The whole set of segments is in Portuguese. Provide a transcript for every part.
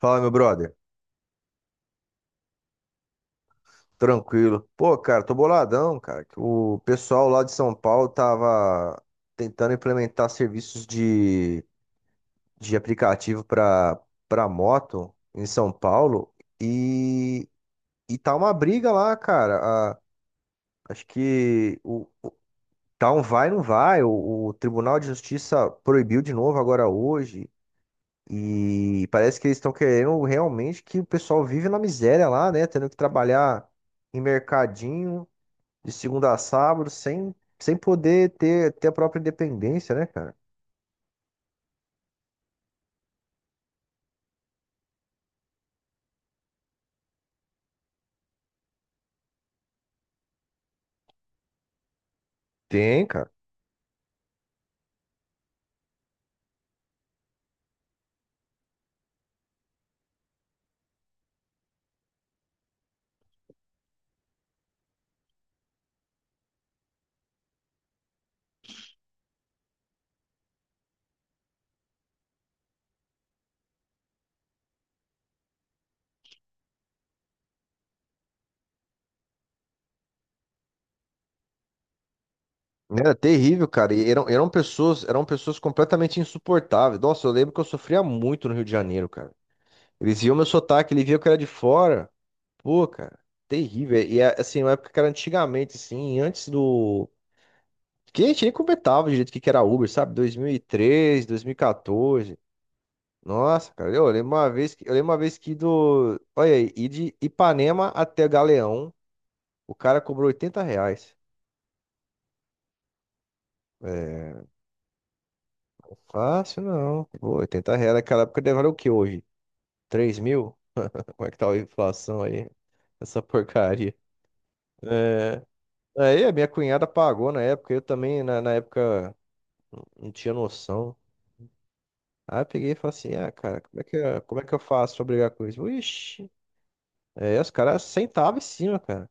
Fala, meu brother. Tranquilo. Pô, cara, tô boladão, cara. Que O pessoal lá de São Paulo tava tentando implementar serviços de aplicativo pra moto em São Paulo e, e tá uma briga lá, cara. Acho que tá um vai, não vai. O Tribunal de Justiça proibiu de novo agora hoje. E parece que eles estão querendo realmente que o pessoal vive na miséria lá, né? Tendo que trabalhar em mercadinho, de segunda a sábado, sem poder ter a própria independência, né, cara? Tem, cara. Era terrível, cara. E eram pessoas completamente insuportáveis. Nossa, eu lembro que eu sofria muito no Rio de Janeiro, cara. Eles viam meu sotaque, eles viam que eu era de fora. Pô, cara, terrível. E é, assim, uma época que era antigamente, assim, antes do. Que a gente nem comentava direito o que que era Uber, sabe? 2013, 2014. Nossa, cara, eu lembro uma vez que do. Olha aí, ir de Ipanema até Galeão. O cara cobrou R$ 80. É, fácil não. Pô, R$ 80 naquela época deve valer o que hoje? 3 mil? Como é que tá a inflação aí? Essa porcaria. É, aí a minha cunhada pagou na época, eu também na época não tinha noção. Aí eu peguei e falei assim, ah, cara, como é que eu faço pra brigar com isso? Ixi, é, os caras sentavam em cima, cara.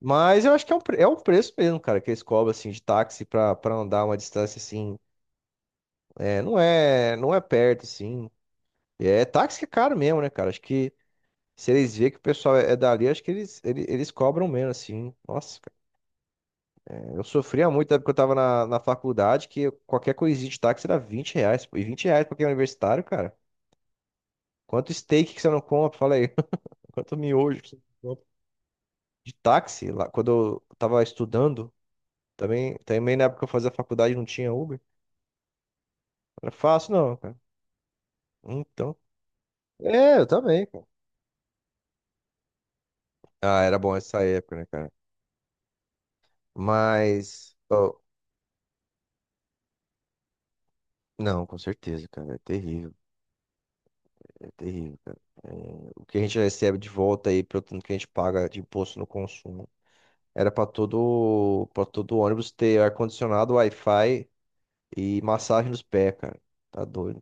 Mas eu acho que é um preço mesmo, cara, que eles cobram, assim, de táxi pra andar uma distância, assim, é, não é perto, assim. É, táxi que é caro mesmo, né, cara? Acho que se eles verem que o pessoal é dali, acho que eles cobram menos, assim. Nossa, cara, eu sofria muito na época que eu tava na faculdade, que qualquer coisinha de táxi era R$ 20. Pô. E R$ 20 pra quem é universitário, cara. Quanto steak que você não compra? Fala aí. Quanto miojo que você não compra? De táxi, lá, quando eu tava estudando, também na época que eu fazia faculdade não tinha Uber. Não era fácil, não, cara. Então. É, eu também, cara. Ah, era bom essa época, né, cara? Mas, ó, não, com certeza, cara. É terrível, cara. É, o que a gente recebe de volta aí, pelo tanto que a gente paga de imposto no consumo. Era para todo ônibus ter ar-condicionado, Wi-Fi e massagem nos pés, cara. Tá doido.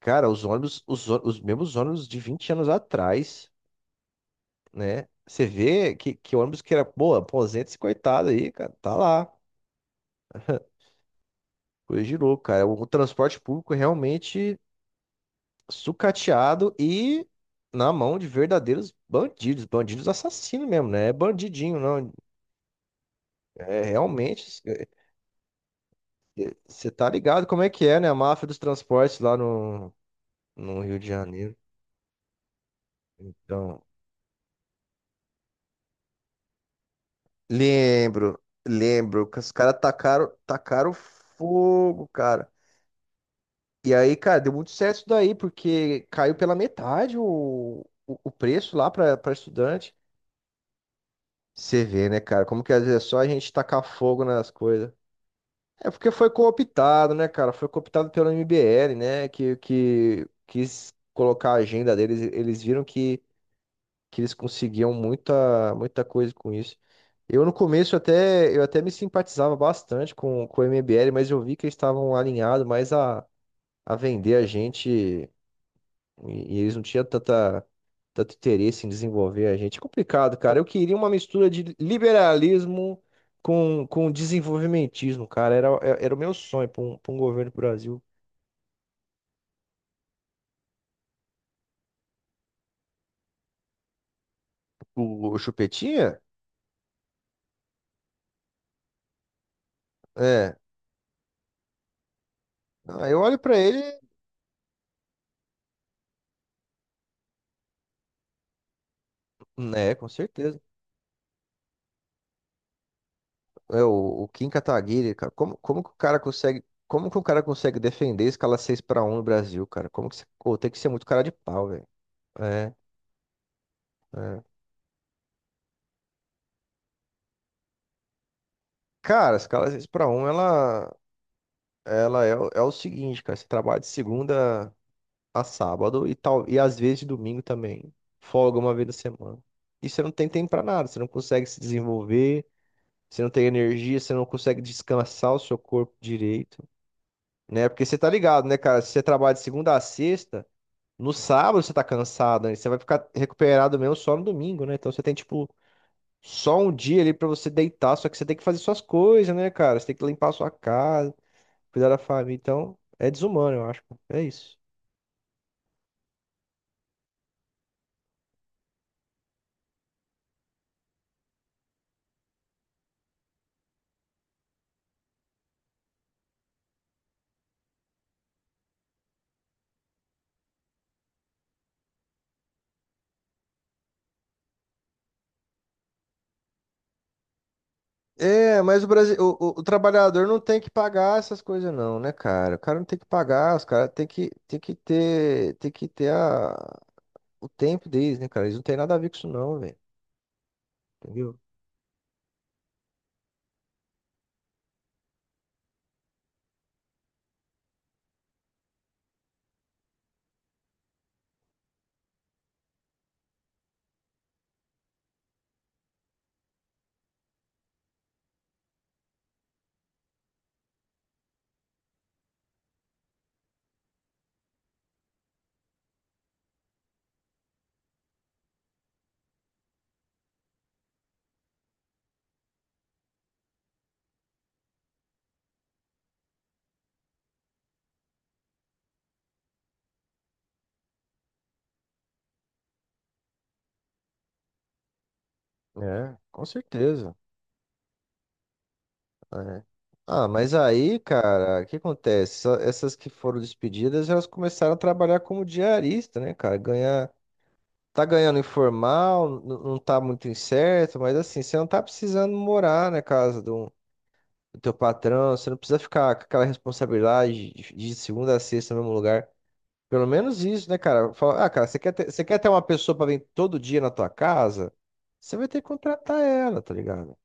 Cara, os ônibus, os mesmos ônibus de 20 anos atrás, né? Você vê que ônibus que era, pô, aposenta esse coitado aí, cara. Tá lá. Coisa de louco, cara. Transporte público realmente sucateado e na mão de verdadeiros bandidos, bandidos assassinos mesmo, né? É bandidinho, não. É realmente, você tá ligado como é que é, né? A máfia dos transportes lá no Rio de Janeiro. Então, lembro, lembro que os caras tacaram fogo, cara. E aí, cara, deu muito certo isso daí, porque caiu pela metade o preço lá para estudante. Você vê, né, cara, como que às vezes é só a gente tacar fogo nas coisas. É porque foi cooptado, né, cara? Foi cooptado pelo MBL, né? Que quis colocar a agenda deles. Eles viram que eles conseguiam muita, muita coisa com isso. Eu no começo até me simpatizava bastante com o MBL, mas eu vi que eles estavam alinhados mais a vender a gente e eles não tinham tanta, tanto interesse em desenvolver a gente. É complicado, cara. Eu queria uma mistura de liberalismo com desenvolvimentismo, cara. Era o meu sonho para um, pra um governo pro Brasil. O Chupetinha? É. Ah, eu olho pra ele, né, com certeza. É, o Kim Kataguiri, cara. Como que o cara consegue. Como que o cara consegue defender escala 6 para um no Brasil, cara? Como que você... Pô, tem que ser muito cara de pau, velho. É, é. Cara, a escala 6 para um ela. Ela é, é o seguinte, cara, você trabalha de segunda a sábado e tal, e às vezes de domingo também. Folga uma vez na semana. E você não tem tempo pra nada, você não consegue se desenvolver, você não tem energia, você não consegue descansar o seu corpo direito, né? Porque você tá ligado, né, cara? Se você trabalha de segunda a sexta, no sábado você tá cansado, né? Você vai ficar recuperado mesmo só no domingo, né? Então você tem, tipo, só um dia ali pra você deitar, só que você tem que fazer suas coisas, né, cara? Você tem que limpar a sua casa, cuidar da família. Então, é desumano, eu acho. Pô. É isso. É, mas o, Brasil, o trabalhador não tem que pagar essas coisas não, né, cara? O cara não tem que pagar, os caras tem que ter a, o tempo deles, né, cara? Eles não têm nada a ver com isso não, velho. Entendeu? É, com certeza. É. Ah, mas aí, cara, o que acontece? Essas que foram despedidas, elas começaram a trabalhar como diarista, né, cara? Ganhar Tá ganhando informal, não tá muito incerto, mas assim, você não tá precisando morar na casa do teu patrão, você não precisa ficar com aquela responsabilidade de segunda a sexta no mesmo lugar. Pelo menos isso, né, cara? Fala, ah, cara, você quer ter uma pessoa pra vir todo dia na tua casa? Você vai ter que contratar ela, tá ligado?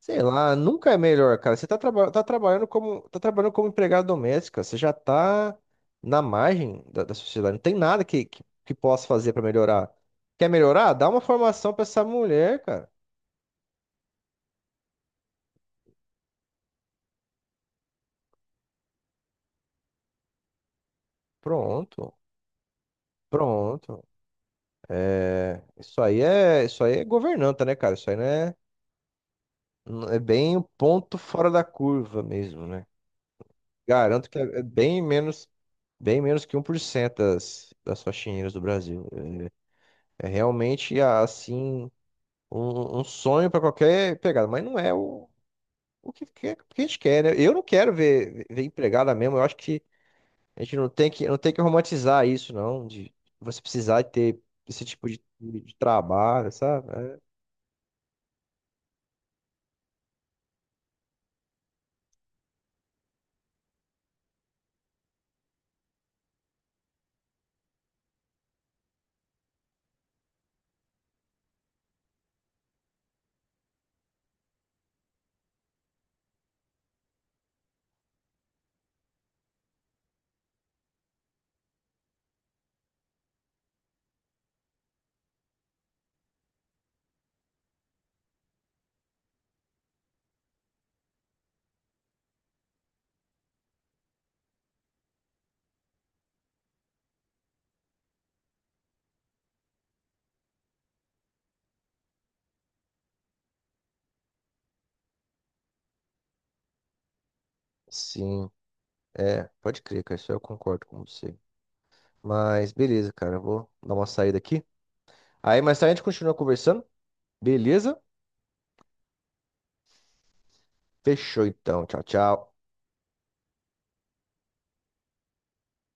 Sei lá, nunca é melhor, cara. Você tá trabalhando como empregada doméstica, você já tá na margem da sociedade. Não tem nada que possa fazer pra melhorar. Quer melhorar? Dá uma formação pra essa mulher, cara. Pronto, pronto. É, isso aí é, isso aí é governanta, né, cara? Isso aí não é, não- é bem um ponto fora da curva mesmo, né? Garanto que é bem menos que 1% das faxineiras do Brasil. É, é realmente assim. Um sonho para qualquer empregado, mas não é o que, que a gente quer, né? Eu não quero ver empregada mesmo. Eu acho que a gente não tem que romantizar isso, não, de você precisar ter esse tipo de trabalho, sabe? É, sim, é, pode crer, cara. Isso eu concordo com você. Mas beleza, cara. Eu vou dar uma saída aqui. Aí mais tarde a gente continua conversando. Beleza? Fechou então. Tchau, tchau.